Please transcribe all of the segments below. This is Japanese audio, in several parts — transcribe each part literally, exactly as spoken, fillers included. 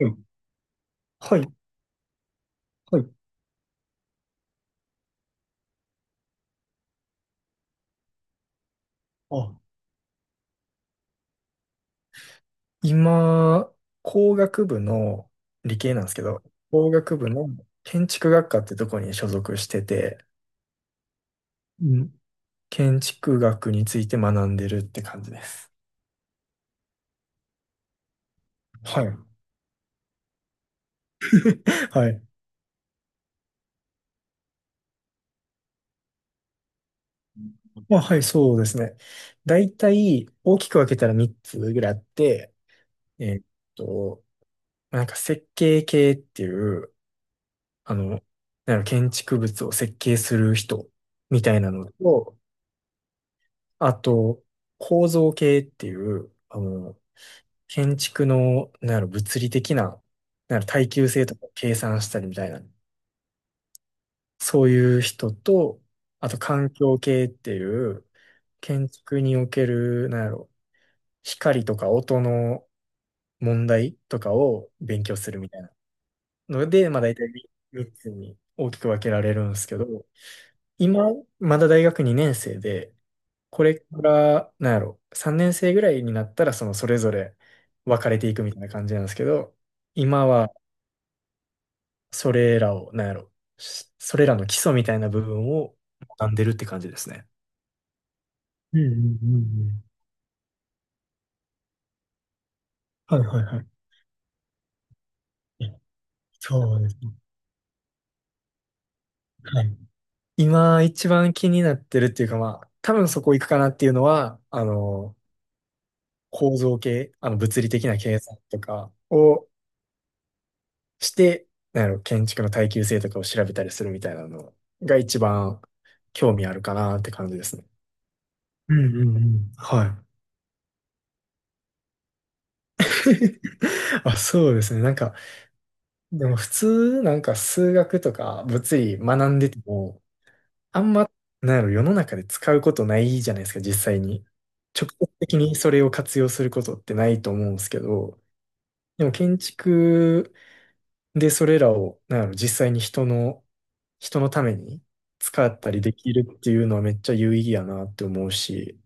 うん。はい、はい。あ、今、工学部の理系なんですけど、工学部の建築学科ってとこに所属してて、うん。建築学について学んでるって感じです。はい。はい。まあ、はい、そうですね。大体、大きく分けたらみっつぐらいあって、えーっと、なんか設計系っていう、あの、なんか建築物を設計する人みたいなのと、あと、構造系っていう、あの、建築の、なんやろ、物理的な、なんやろ、耐久性とかを計算したりみたいな、そういう人と、あと環境系っていう、建築における、なんやろ、光とか音の問題とかを勉強するみたいなので、まあ大体みっつに大きく分けられるんですけど、今、まだ大学にねん生で、これから、なんやろ、さんねん生ぐらいになったら、その、それぞれ分かれていくみたいな感じなんですけど、今は、それらを、なんやろ、しそれらの基礎みたいな部分を学んでるって感じですね。うんうんうんうん。はいはいはい。えそうですね。はい。今一番気になってるっていうかまあ、多分そこ行くかなっていうのは、あの、構造系、あの物理的な計算とかをして、あの、建築の耐久性とかを調べたりするみたいなのが一番興味あるかなって感じですね。うんうんうん。はい。あ、そうですね。なんか、でも普通、なんか数学とか物理学んでても、あんま、なんやろ、世の中で使うことないじゃないですか、実際に。直接的にそれを活用することってないと思うんですけど、でも建築で、それらを、なんやろ、実際に人の、人のために使ったりできるっていうのはめっちゃ有意義やなって思うし、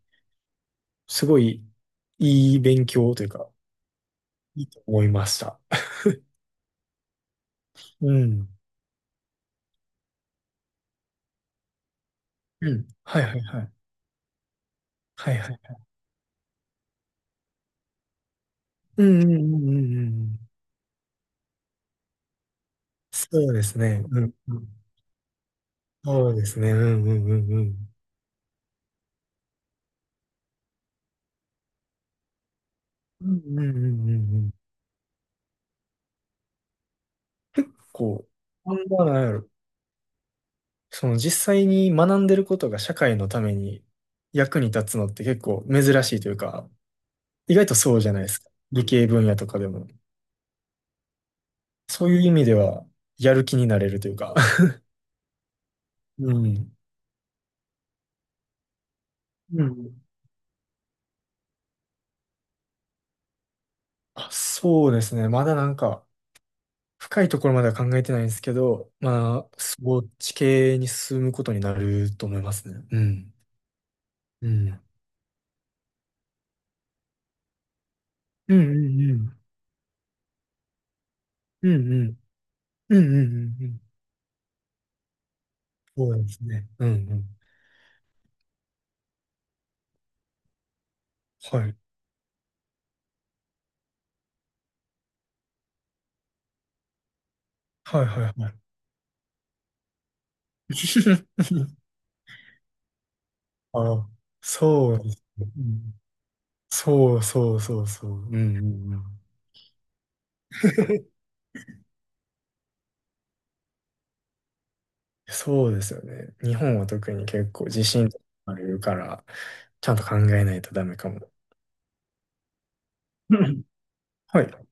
すごいいい勉強というか、いいと思いました。うん。うん。はいはいはい。はいはい。うんうんうんうんうんそうですね。うん、うん。そうですね。うんうんうんうん。うんうんうんうんうん。こう、こんな、なやろ。その実際に学んでることが社会のために役に立つのって結構珍しいというか、意外とそうじゃないですか。理系分野とかでも。そういう意味では、やる気になれるというか。うん。うん。あ、そうですね。まだなんか、深いところまでは考えてないんですけど、まあ、そっち系に進むことになると思いますね。うん。うん。うんうんうん。うんうん。うんうんうんうん。そうですね。うんうん。はい。はいはいはい。あ、そうですね。うんそうそうそうそう。うんうんうん。そうですよね。日本は特に結構地震とかあるから、ちゃんと考えないとダメかも。うん はい。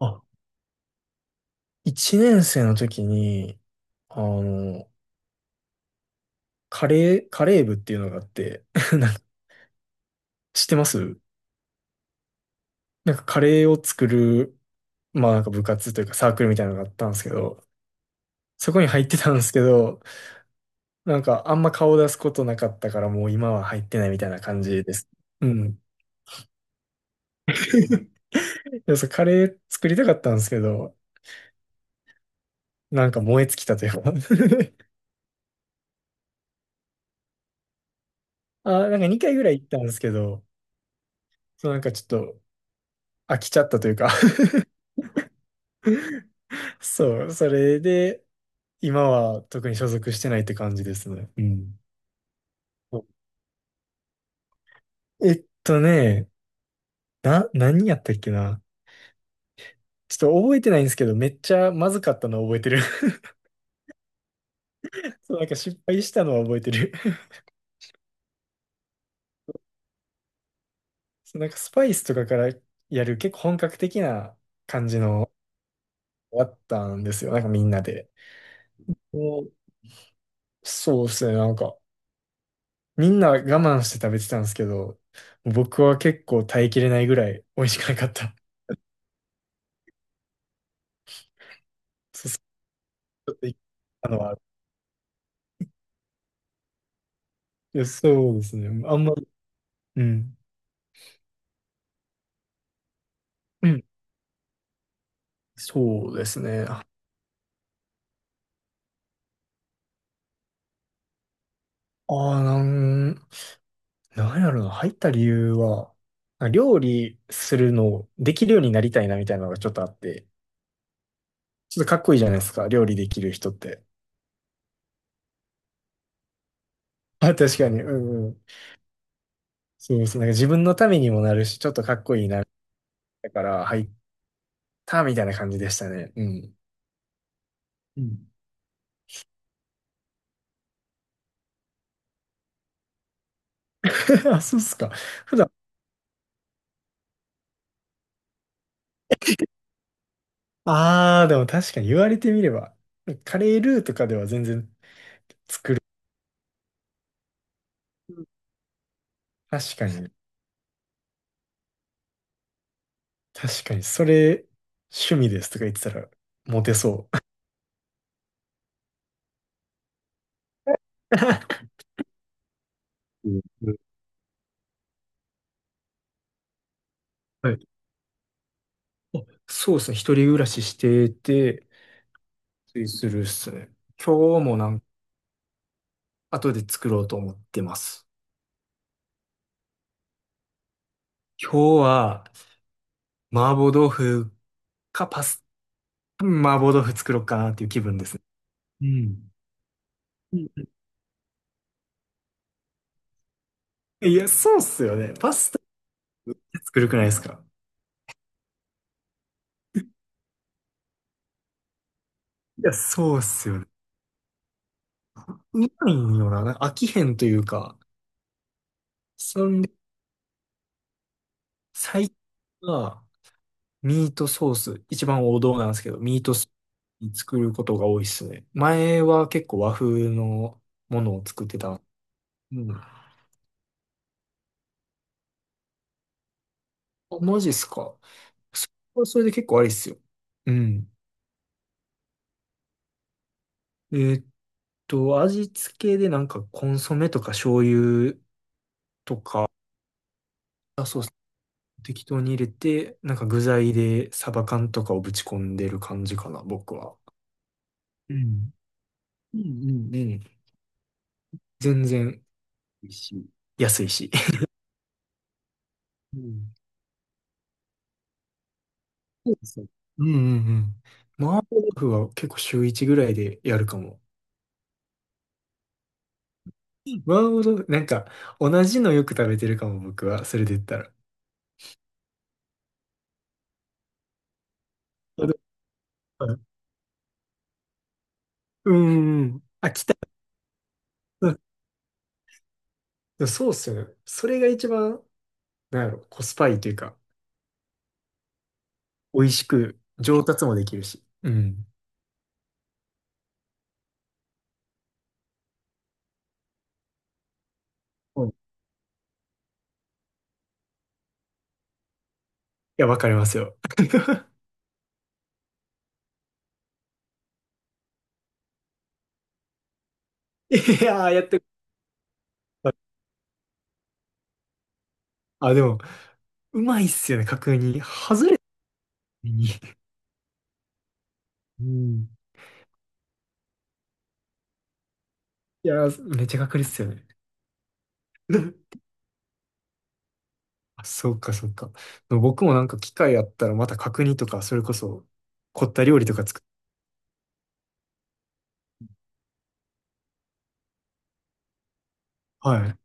あ、いちねん生の時に、あの、カレー、カレー部っていうのがあって、なんか知ってますなんかカレーを作る、まあなんか部活というかサークルみたいなのがあったんですけど、そこに入ってたんですけど、なんかあんま顔出すことなかったからもう今は入ってないみたいな感じです。うん。いやそうカレー作りたかったんですけど、なんか燃え尽きたというか あー、なんかにかいぐらい行ったんですけど、そうなんかちょっと飽きちゃったというか そう、それで、今は特に所属してないって感じですね。うん。えっとね、な、何やったっけな。ちょっと覚えてないんですけど、めっちゃまずかったのは覚えてる そう、なんか失敗したのは覚えてる そう、なんかスパイスとかからやる結構本格的な感じの終わったんですよ。なんかみんなで。おそうですね、なんか。みんな我慢して食べてたんですけど、僕は結構耐えきれないぐらい美味しくなかった。そう、そうちょっといあのは、いやそうですね。あんまり、うん。うん。そうですね。ああー、なん、なんやろな。入った理由は、料理するのをできるようになりたいなみたいなのがちょっとあって、ちょっとかっこいいじゃないですか。料理できる人って。あ、確かに。うんうん。そうですね。なんか自分のためにもなるし、ちょっとかっこいいな。だから入ったみたいな感じでしたね。うん。うん あ、そうっすか。普段、ああ、でも確かに言われてみれば、カレールーとかでは全然、確かに、確かに、それ、趣味ですとか言ってたら、モテそう。うんうんはい。あそうですね。一人暮らししてて、ついするっすね。今日もなん、後で作ろうと思ってます。今日は、麻婆豆腐かパス、麻婆豆腐作ろうかなっていう気分ですね。うん。いや、そうっすよね。パスタって作るくないですかいや、そうっすよね。見ないんよな。なんか飽きへんというか、そんで、最近は、ミートソース、一番王道なんですけど、ミートソースに作ることが多いっすね。前は結構和風のものを作ってた。うん。あ、マジっすか。それはそれで結構ありっすよ。うん。えーっと、味付けでなんかコンソメとか醤油とか適当に入れて、なんか具材でサバ缶とかをぶち込んでる感じかな、僕は。うんうんうんうん。全然。いいし、安いし。うん。そうですね。うんうんうん。麻婆豆腐は結構週いちぐらいでやるかも。麻婆豆腐、なんか、同じのよく食べてるかも、僕は。それで言ったら。あでうんうん。あ、来た。うんでもそうっすよね。それが一番、なんやろ、コスパいいというか、美味しく上達もできるし。うん。うんいや、わかりますよ。いやー、やってあ、でも、うまいっすよね、確認。外れた時に。うんいやー、めっちゃ確率っすよね。あ、そうか、そうか。僕もなんか機会あったらまた角煮とか、それこそ凝った料理とか作っはい。